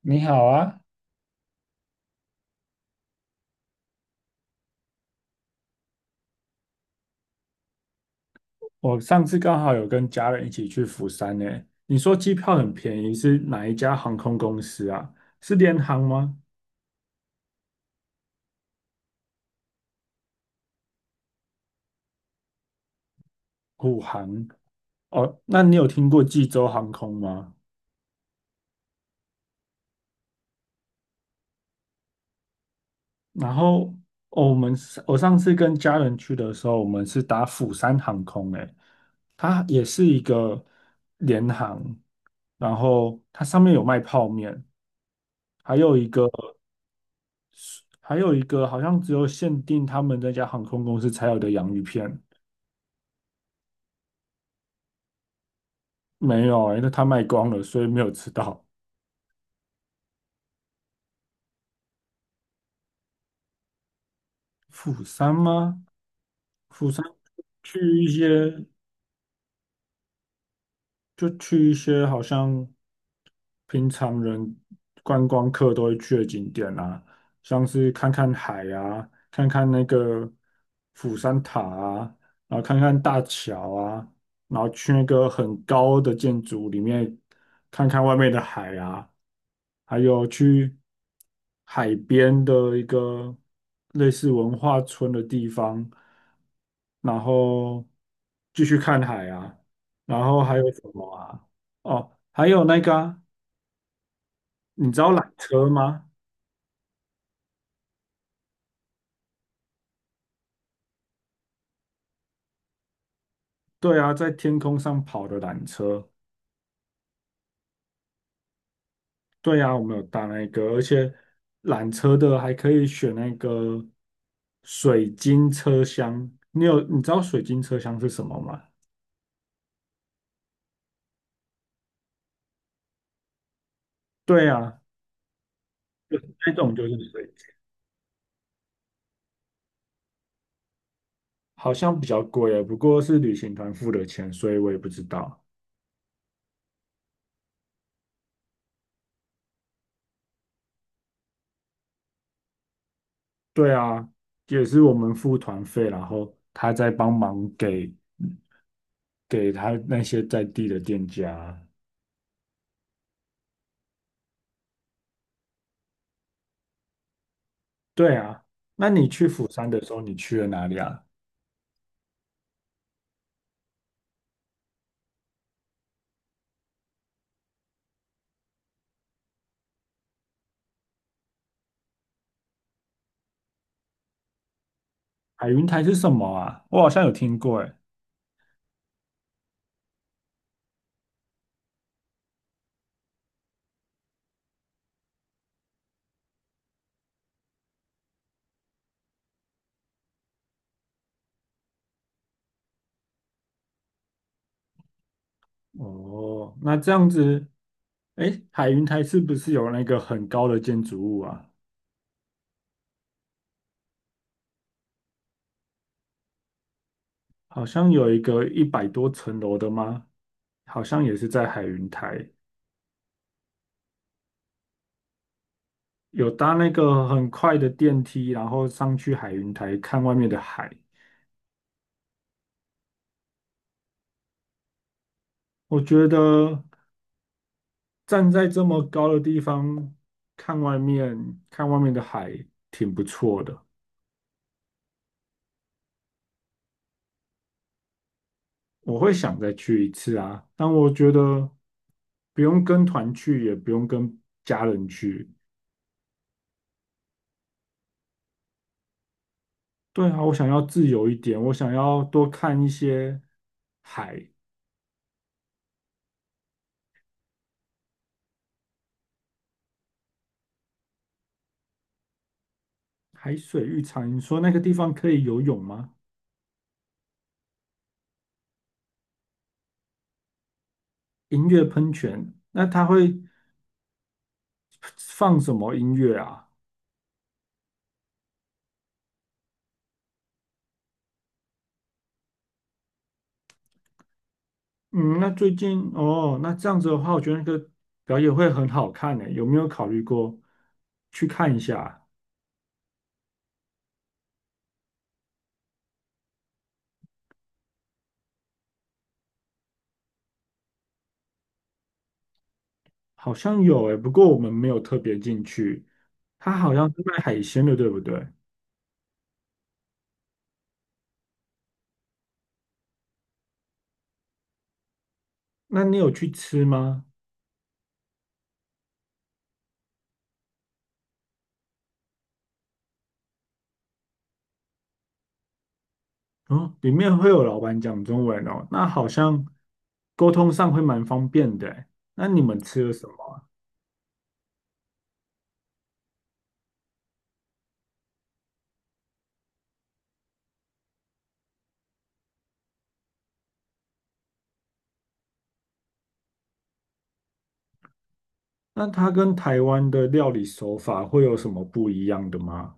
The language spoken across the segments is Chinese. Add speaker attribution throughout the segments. Speaker 1: 你好啊，我上次刚好有跟家人一起去釜山呢。你说机票很便宜，是哪一家航空公司啊？是联航吗？虎航？哦，那你有听过济州航空吗？然后，哦我们是我上次跟家人去的时候，我们是打釜山航空诶，它也是一个联航，然后它上面有卖泡面，还有一个。还有一个好像只有限定他们那家航空公司才有的洋芋片，没有欸，因为他卖光了，所以没有吃到。釜山吗？釜山去一些，就去一些好像平常人观光客都会去的景点啊，像是看看海啊，看看那个釜山塔啊，然后看看大桥啊，然后去那个很高的建筑里面看看外面的海啊，还有去海边的一个类似文化村的地方，然后继续看海啊。然后还有什么啊？哦，还有那个啊，你知道缆车吗？对啊，在天空上跑的缆车。对啊，我们有搭那个，而且缆车的还可以选那个水晶车厢。你知道水晶车厢是什么吗？对啊，那种就是水晶，好像比较贵耶，不过是旅行团付的钱，所以我也不知道。对啊，也是我们付团费，然后他再帮忙给。给他那些在地的店家。对啊，那你去釜山的时候，你去了哪里啊？海云台是什么啊？我好像有听过，哎。哦，那这样子，哎，海云台是不是有那个很高的建筑物啊？好像有一个一百多层楼的吗？好像也是在海云台，有搭那个很快的电梯，然后上去海云台看外面的海。我觉得。站在这么高的地方看外面，看外面的海，挺不错的。我会想再去一次啊，但我觉得不用跟团去，也不用跟家人去。对啊，我想要自由一点，我想要多看一些海、海水浴场。你说那个地方可以游泳吗？音乐喷泉，那它会放什么音乐啊？嗯，那最近哦，那这样子的话，我觉得那个表演会很好看诶，有没有考虑过去看一下？好像有诶，不过我们没有特别进去。它好像是卖海鲜的，对不对？那你有去吃吗？哦，里面会有老板讲中文哦，那好像沟通上会蛮方便的诶。那你们吃了什么？那它跟台湾的料理手法会有什么不一样的吗？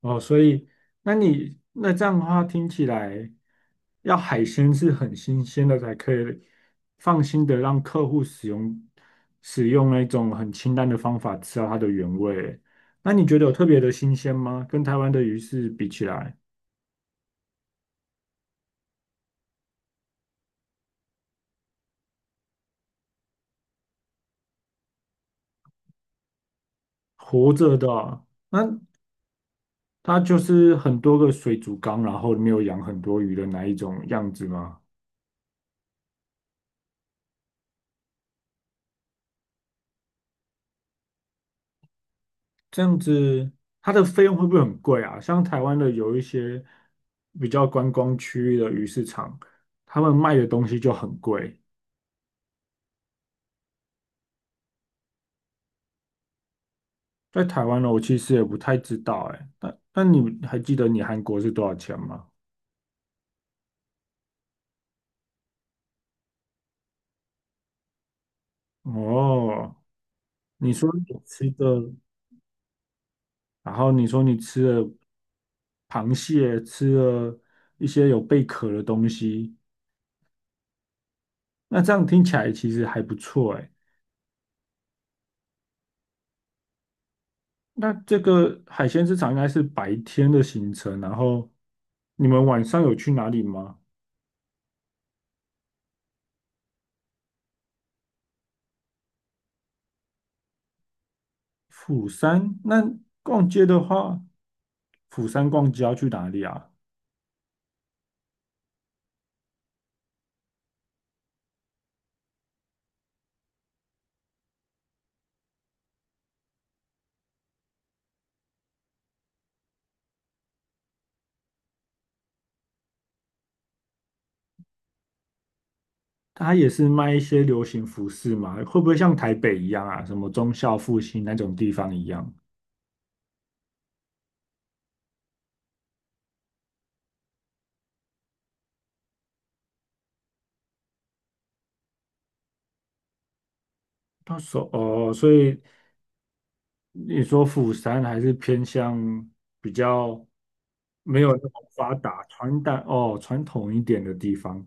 Speaker 1: 哦，所以那你那这样的话，听起来要海鲜是很新鲜的才可以放心的让客户使用，那种很清淡的方法吃到它的原味。那你觉得有特别的新鲜吗？跟台湾的鱼是比起来，活着的啊，那它就是很多个水族缸，然后里面有养很多鱼的那一种样子吗？这样子，它的费用会不会很贵啊？像台湾的有一些比较观光区域的鱼市场，他们卖的东西就很贵。在台湾呢，我其实也不太知道哎。那你还记得你韩国是多少钱吗？哦，你说你吃的，然后你说你吃了螃蟹，吃了一些有贝壳的东西，那这样听起来其实还不错哎。那这个海鲜市场应该是白天的行程，然后你们晚上有去哪里吗？釜山，那逛街的话，釜山逛街要去哪里啊？它也是卖一些流行服饰嘛，会不会像台北一样啊？什么忠孝复兴那种地方一样？到时候哦，所以你说釜山还是偏向比较没有那么发达、传统一点的地方。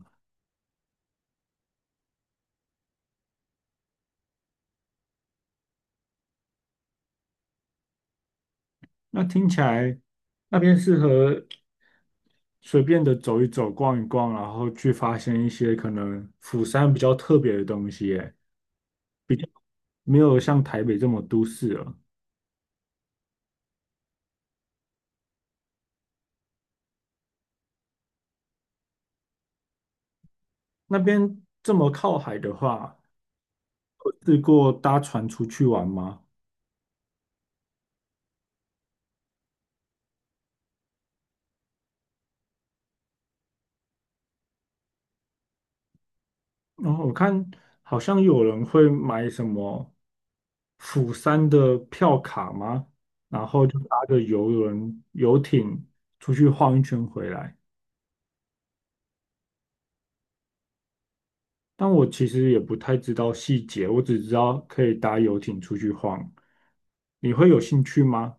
Speaker 1: 那听起来那边适合随便的走一走、逛一逛，然后去发现一些可能釜山比较特别的东西，诶，比较没有像台北这么都市了。那边这么靠海的话，试过搭船出去玩吗？然后我看好像有人会买什么釜山的票卡吗？然后就搭着游轮、游艇出去晃一圈回来。但我其实也不太知道细节，我只知道可以搭游艇出去晃。你会有兴趣吗？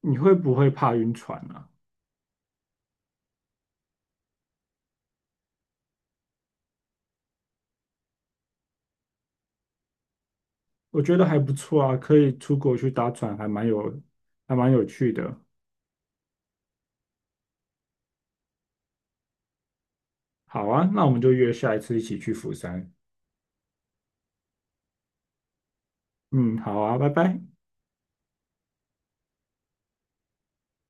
Speaker 1: 你会不会怕晕船啊？我觉得还不错啊，可以出国去搭船，还蛮有趣的。好啊，那我们就约下一次一起去釜山。嗯，好啊，拜拜。